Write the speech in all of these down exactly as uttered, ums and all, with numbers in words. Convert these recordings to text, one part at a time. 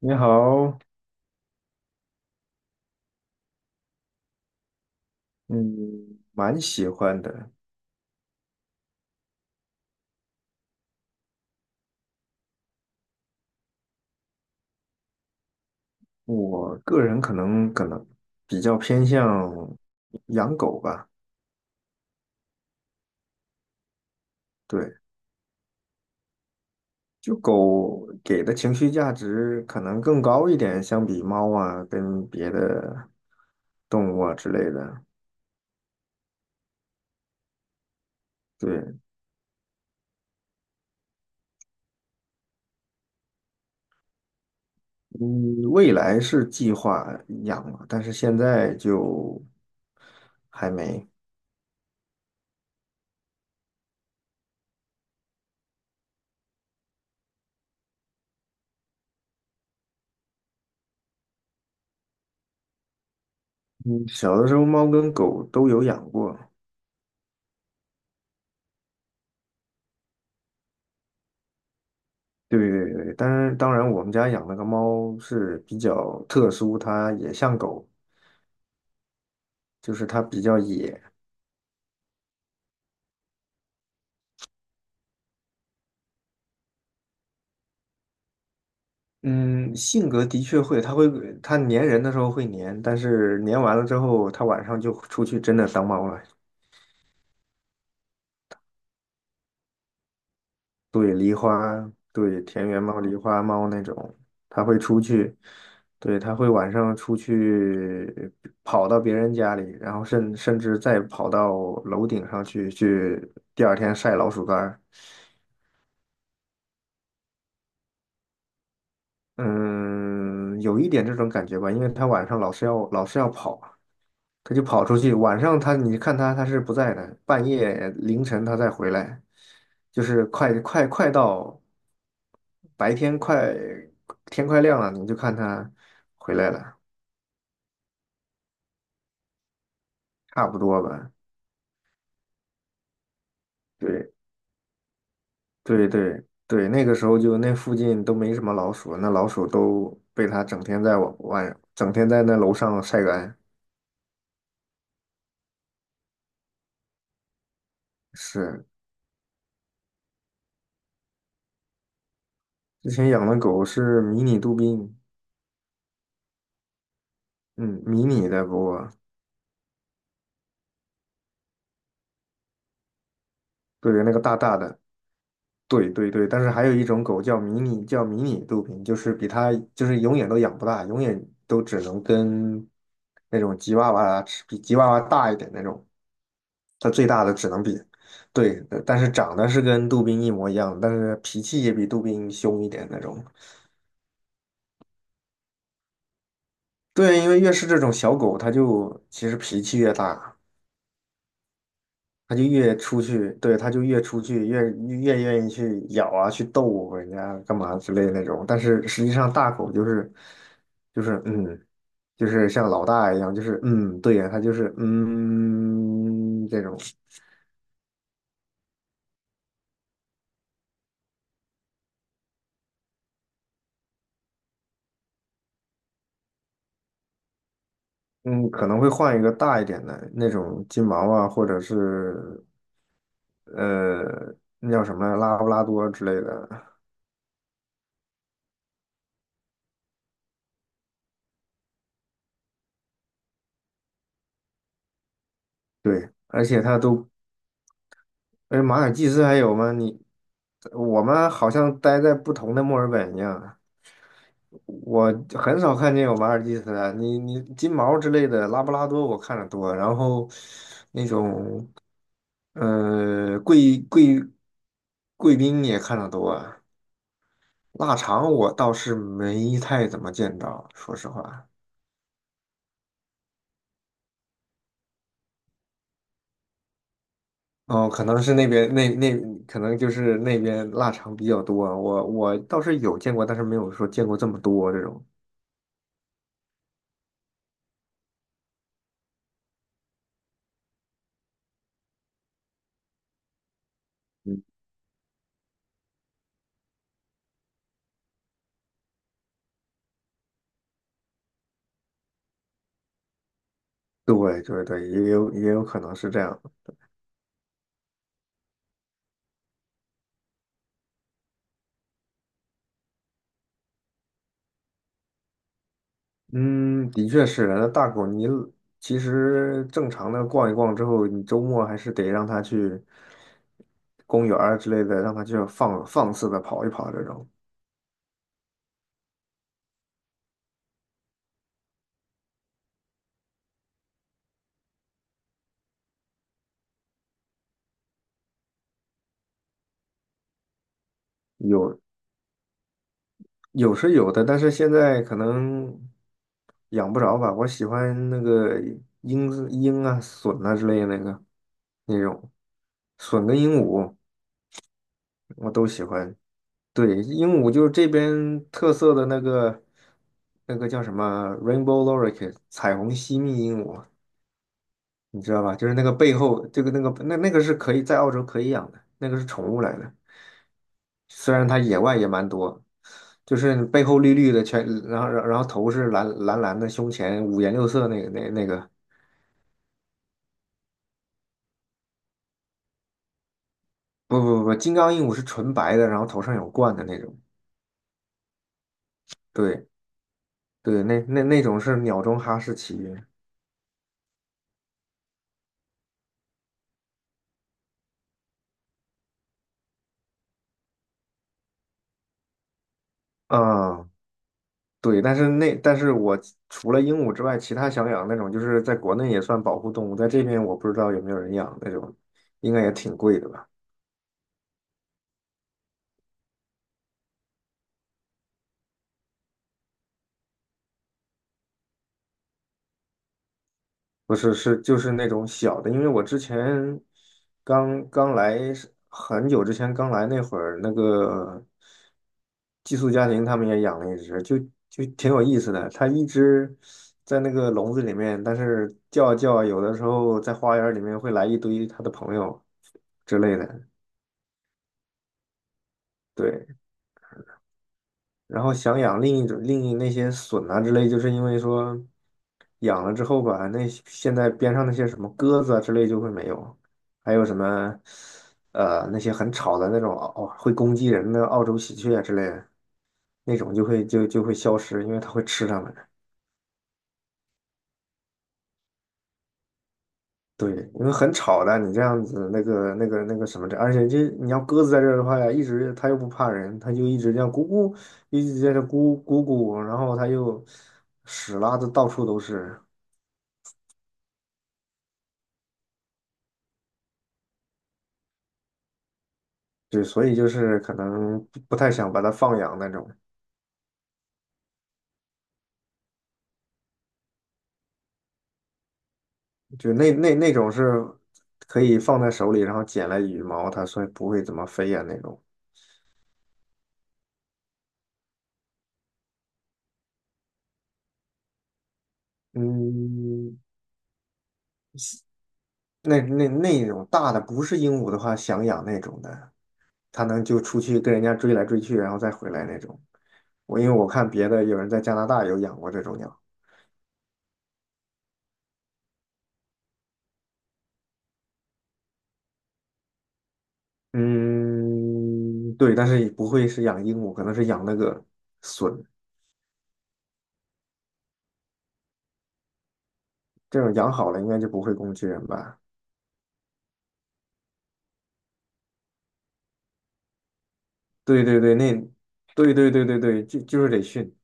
你好，嗯，蛮喜欢的。我个人可能可能比较偏向养狗吧，对，就狗给的情绪价值可能更高一点，相比猫啊跟别的动物啊之类的。对，嗯，未来是计划养了，但是现在就还没。嗯，小的时候猫跟狗都有养过，对对对，当然当然，我们家养那个猫是比较特殊，它也像狗，就是它比较野。嗯，性格的确会，它会它粘人的时候会粘，但是粘完了之后，它晚上就出去真的当猫了，对狸花，对田园猫、狸花猫那种，它会出去，对，它会晚上出去跑到别人家里，然后甚甚至再跑到楼顶上去去，第二天晒老鼠干儿。嗯，有一点这种感觉吧，因为他晚上老是要老是要跑，他就跑出去。晚上他你看他他是不在的，半夜凌晨他再回来，就是快快快到白天快天快亮了，你就看他回来了，差不多吧。对对对对，那个时候就那附近都没什么老鼠，那老鼠都被他整天在我晚整天在那楼上晒干。是，之前养的狗是迷你杜宾。嗯，迷你的不过，对，那个大大的，对对对，但是还有一种狗叫迷你，叫迷你杜宾，就是比它就是永远都养不大，永远都只能跟那种吉娃娃吃比吉娃娃大一点那种，它最大的只能比，对，呃但是长得是跟杜宾一模一样，但是脾气也比杜宾凶一点那种。对，因为越是这种小狗，它就其实脾气越大，他就越出去，对，他就越出去，越越愿意去咬啊，去逗人家干嘛之类的那种。但是实际上，大狗就是就是嗯，就是像老大一样，就是嗯，对呀，他就是嗯这种，嗯，可能会换一个大一点的那种金毛啊，或者是呃那叫什么来，拉布拉多之类的。对，而且它都，哎，马尔济斯还有吗？你，我们好像待在不同的墨尔本一样。我很少看见有马尔济斯的，你你金毛之类的，拉布拉多我看的多，然后那种呃贵贵贵宾也看的多，腊肠我倒是没太怎么见到，说实话。哦，可能是那边那那可能就是那边腊肠比较多，我我倒是有见过，但是没有说见过这么多这种。嗯，对对对，也有也有可能是这样。嗯，的确是。那大狗，你其实正常的逛一逛之后，你周末还是得让它去公园儿之类的，让它就放放肆的跑一跑。这种有有是有的，但是现在可能养不着吧。我喜欢那个鹰子鹰啊、隼啊之类的那个那种隼跟鹦鹉，我都喜欢。对，鹦鹉就是这边特色的那个，那个叫什么 Rainbow l o r i k e 彩虹吸蜜鹦鹉，你知道吧？就是那个背后这个那个那那个是可以在澳洲可以养的，那个是宠物来的。虽然它野外也蛮多，就是背后绿绿的全，然后然后然后头是蓝蓝蓝的，胸前五颜六色那个那那个，不不不，金刚鹦鹉是纯白的，然后头上有冠的那种。对对，那那那种是鸟中哈士奇。嗯，对，但是那但是我除了鹦鹉之外，其他想养那种就是在国内也算保护动物，在这边我不知道有没有人养那种，应该也挺贵的吧？不是，是就是那种小的，因为我之前刚刚来是很久之前刚来那会儿，那个寄宿家庭他们也养了一只，就就挺有意思的。它一只在那个笼子里面，但是叫啊叫啊有的时候在花园里面会来一堆它的朋友之类的。对，然后想养另一种另一那些笋啊之类，就是因为说养了之后吧，那些现在边上那些什么鸽子啊之类就会没有，还有什么呃那些很吵的那种哦会攻击人的澳洲喜鹊啊之类的那种就会就就会消失，因为它会吃它们。对，因为很吵的，你这样子那个那个那个什么的，而且这你要鸽子在这儿的话呀，一直它又不怕人，它就一直这样咕咕，一直在这咕咕咕，然后它又屎拉的到处都是。对，所以就是可能不不太想把它放养那种，就那那那种是可以放在手里，然后捡来羽毛，它所以不会怎么飞呀那种。嗯，那那那种大的不是鹦鹉的话，想养那种的，它能就出去跟人家追来追去，然后再回来那种。我因为我看别的有人在加拿大有养过这种鸟。嗯，对，但是也不会是养鹦鹉，可能是养那个隼，这种养好了应该就不会攻击人吧。对对对，那对对对对对，就就是得训，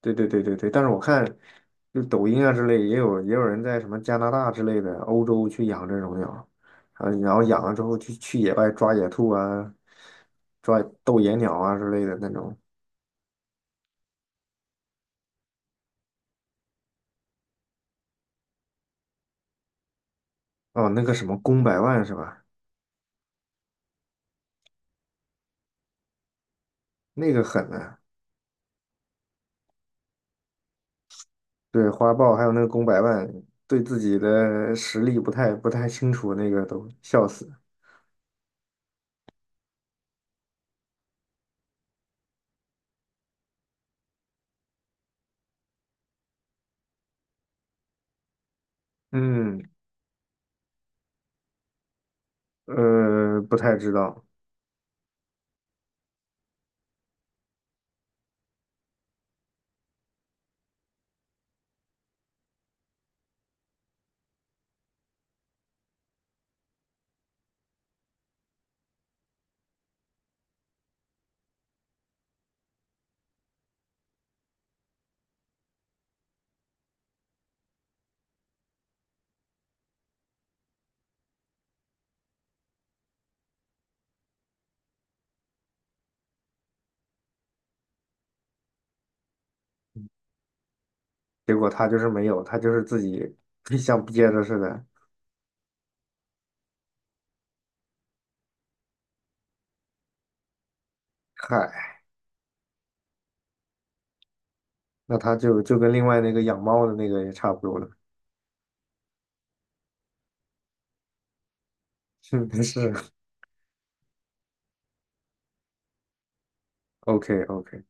对对对对对。但是我看，就抖音啊之类，也有也有人在什么加拿大之类的欧洲去养这种鸟，啊，然后养了之后去去野外抓野兔啊，抓斗野鸟啊之类的那种。哦，那个什么公百万是吧？那个狠啊！对，花豹还有那个公百万，对自己的实力不太不太清楚，那个都笑死。嗯，呃，不太知道。结果他就是没有，他就是自己 像憋着似的。嗨，那他就就跟另外那个养猫的那个也差不多了。是是 o k OK。